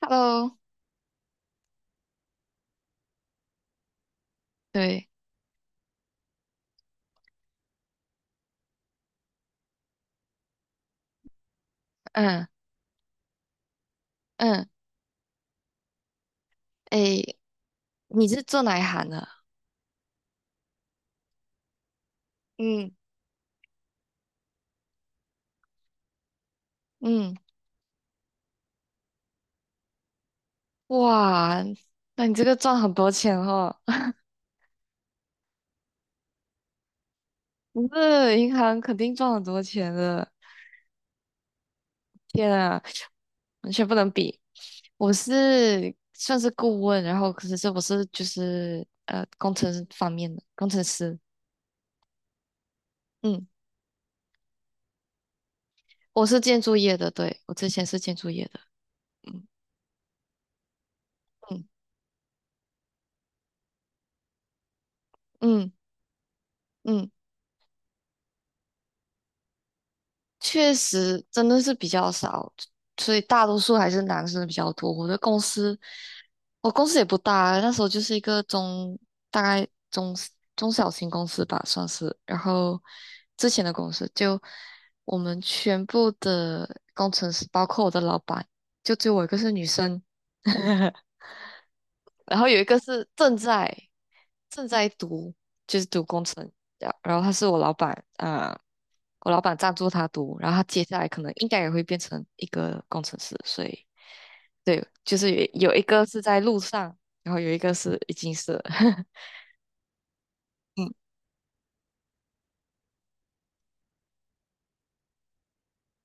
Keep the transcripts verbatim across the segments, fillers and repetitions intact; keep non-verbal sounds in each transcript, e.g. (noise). Hello，对，嗯嗯，诶，你是做哪一行的？嗯嗯，哇，那你这个赚很多钱哦，(laughs) 你这银行肯定赚很多钱的。天啊，完全不能比。我是算是顾问，然后可是这我是就是呃工程师方面的工程师，嗯，我是建筑业的，对，我之前是建筑业的，嗯嗯嗯嗯。确实真的是比较少，所以大多数还是男生比较多。我的公司，我公司也不大，那时候就是一个中，大概中中小型公司吧，算是。然后之前的公司就我们全部的工程师，包括我的老板，就只有我一个是女生。(laughs) 然后有一个是正在正在读，就是读工程，然然后他是我老板啊、我老板赞助他读，然后他接下来可能应该也会变成一个工程师，所以对，就是有有一个是在路上，然后有一个是已经是了 (laughs) 嗯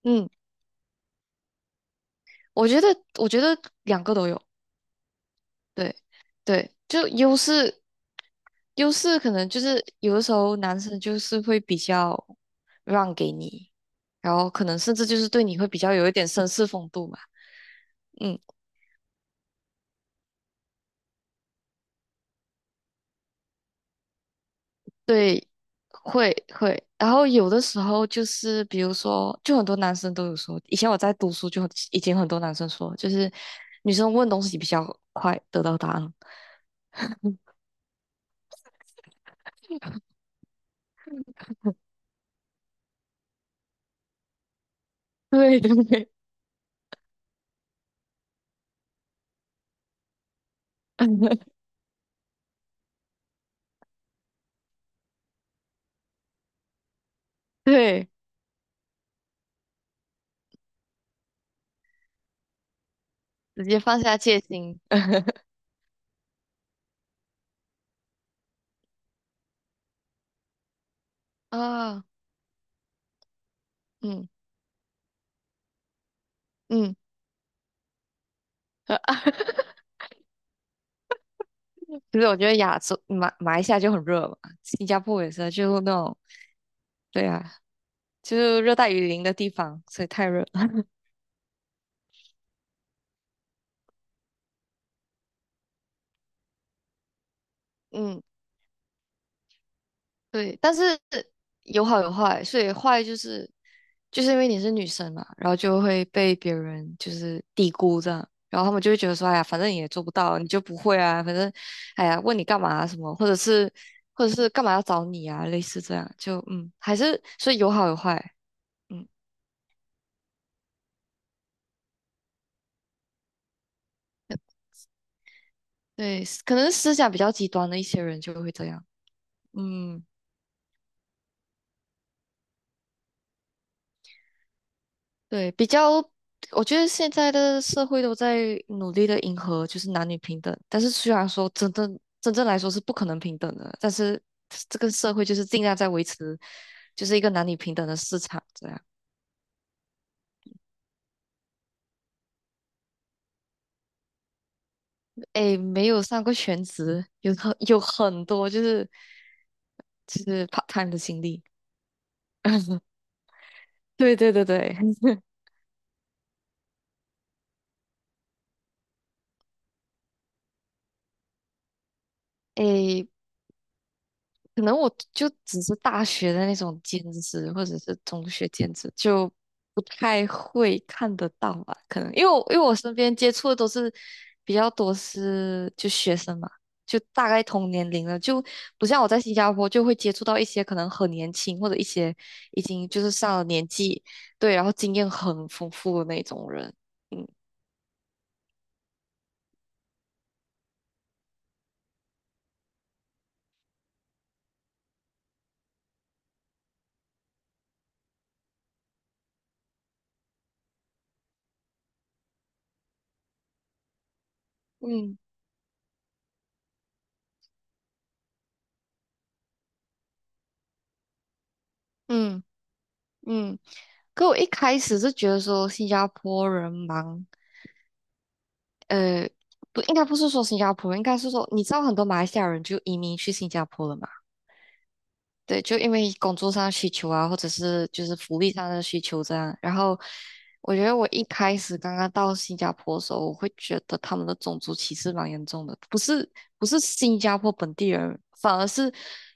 嗯，我觉得我觉得两个都有，对对，就优势优势可能就是有的时候男生就是会比较让给你，然后可能甚至就是对你会比较有一点绅士风度嘛。嗯，对，会会。然后有的时候就是比如说，就很多男生都有说，以前我在读书就很已经很多男生说，就是女生问东西比较快得到答案。(laughs) 对对对，(laughs) 对，直接放下戒心啊，嗯嗯。(laughs) 就是我觉得亚洲马马来西亚就很热嘛，新加坡也是啊，就那种对啊，就是热带雨林的地方，所以太热了。嗯，对，但是有好有坏，所以坏就是就是因为你是女生嘛，然后就会被别人就是低估这样，然后他们就会觉得说，哎呀，反正你也做不到，你就不会啊，反正哎呀，问你干嘛啊什么，或者是或者是干嘛要找你啊，类似这样，就嗯，还是所以有好有坏，嗯，对，可能思想比较极端的一些人就会这样。嗯，对，比较，我觉得现在的社会都在努力的迎合，就是男女平等。但是虽然说真正真正来说是不可能平等的，但是这个社会就是尽量在维持，就是一个男女平等的市场这样。诶，没有上过全职，有很有很多就是就是 part time 的经历。对对对对，诶，可能我就只是大学的那种兼职，或者是中学兼职，就不太会看得到吧？可能因为我因为我身边接触的都是比较多是就学生嘛，就大概同年龄的，就不像我在新加坡就会接触到一些可能很年轻或者一些已经就是上了年纪，对，然后经验很丰富的那种人。嗯嗯嗯嗯，可我一开始是觉得说新加坡人忙。呃，不，应该不是说新加坡人应该是说，你知道很多马来西亚人就移民去新加坡了嘛？对，就因为工作上的需求啊，或者是就是福利上的需求这样。然后，我觉得我一开始刚刚到新加坡的时候，我会觉得他们的种族歧视蛮严重的，不是不是新加坡本地人，反而是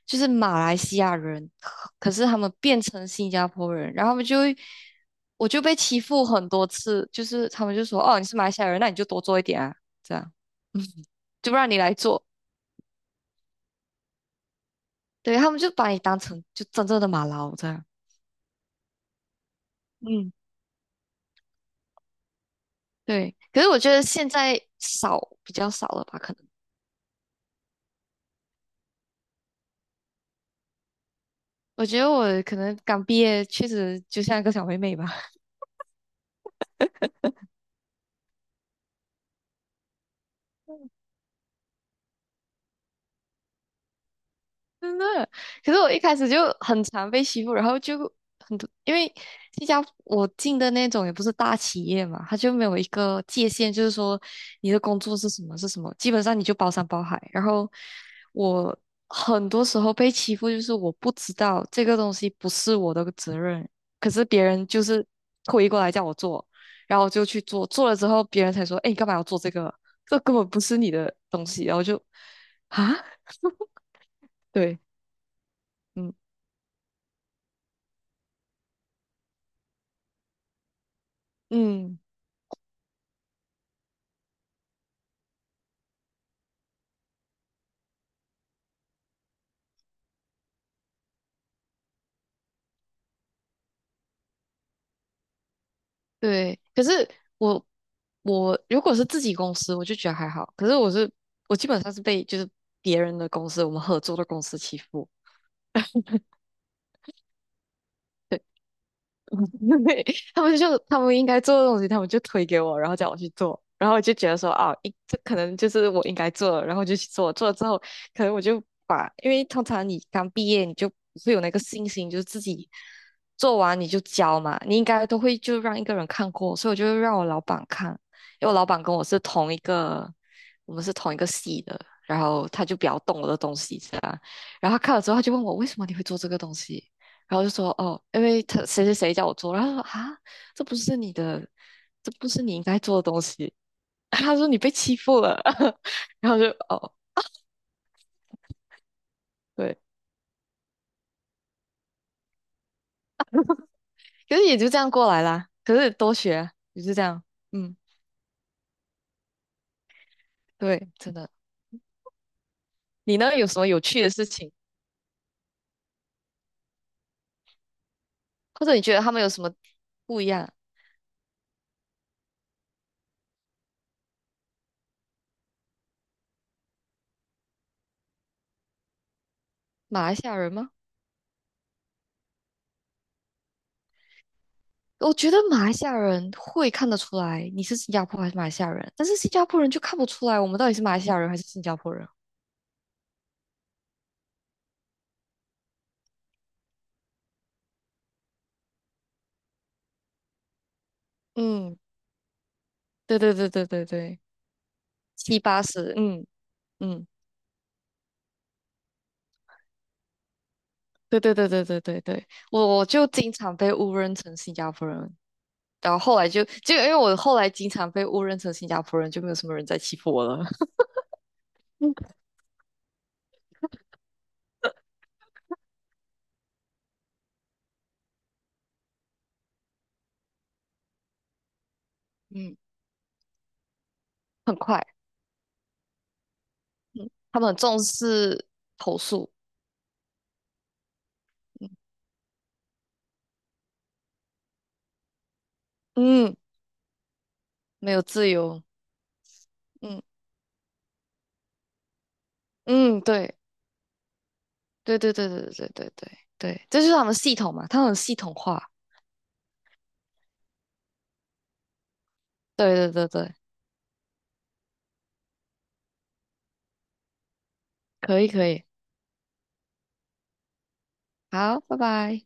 就是马来西亚人，可是他们变成新加坡人，然后他们就会。我就被欺负很多次，就是他们就说：“哦，你是马来西亚人，那你就多做一点啊。”这样。就不让你来做。对，他们就把你当成就真正的马劳这样。嗯，对，可是我觉得现在少比较少了吧？可能我觉得我可能刚毕业，确实就像一个小妹妹吧。真的，可是我一开始就很常被欺负，然后就很多，因为新加坡我进的那种也不是大企业嘛，它就没有一个界限，就是说你的工作是什么是什么，基本上你就包山包海。然后我很多时候被欺负，就是我不知道这个东西不是我的责任，可是别人就是推过来叫我做，然后我就去做，做了之后别人才说，哎，你干嘛要做这个？这根本不是你的东西，然后就啊，对，嗯嗯。对，可是我我如果是自己公司，我就觉得还好。可是我是我基本上是被就是别人的公司，我们合作的公司欺负，(laughs) 对，他们就他们应该做的东西，他们就推给我，然后叫我去做，然后我就觉得说啊，一这可能就是我应该做的，然后就去做，做了之后，可能我就把，因为通常你刚毕业，你就不会有那个信心，就是自己做完你就交嘛，你应该都会就让一个人看过，所以我就让我老板看，因为我老板跟我是同一个，我们是同一个系的，然后他就比较懂我的东西，这样，然后他看了之后，他就问我为什么你会做这个东西。然后就说哦，因为他谁谁谁叫我做，然后他说啊，这不是你的，这不是你应该做的东西。(laughs) 他说你被欺负了，(laughs) 然后就哦，对，可是也就这样过来啦。可是多学啊也是这样，嗯，对，真的。你呢，有什么有趣的事情，或者你觉得他们有什么不一样？马来西亚人吗？我觉得马来西亚人会看得出来你是新加坡还是马来西亚人，但是新加坡人就看不出来我们到底是马来西亚人还是新加坡人。嗯，对对对对对对。七八十，嗯嗯，对对对对对对对，我我就经常被误认成新加坡人，然后后来就就因为我后来经常被误认成新加坡人，就没有什么人再欺负我了。(laughs) 嗯，嗯，很快，嗯，他们很重视投诉，嗯，没有自由，嗯嗯，对对对对对对对对对对，这就是他们系统嘛，他们很系统化，对对对对，可以可以，好，拜拜。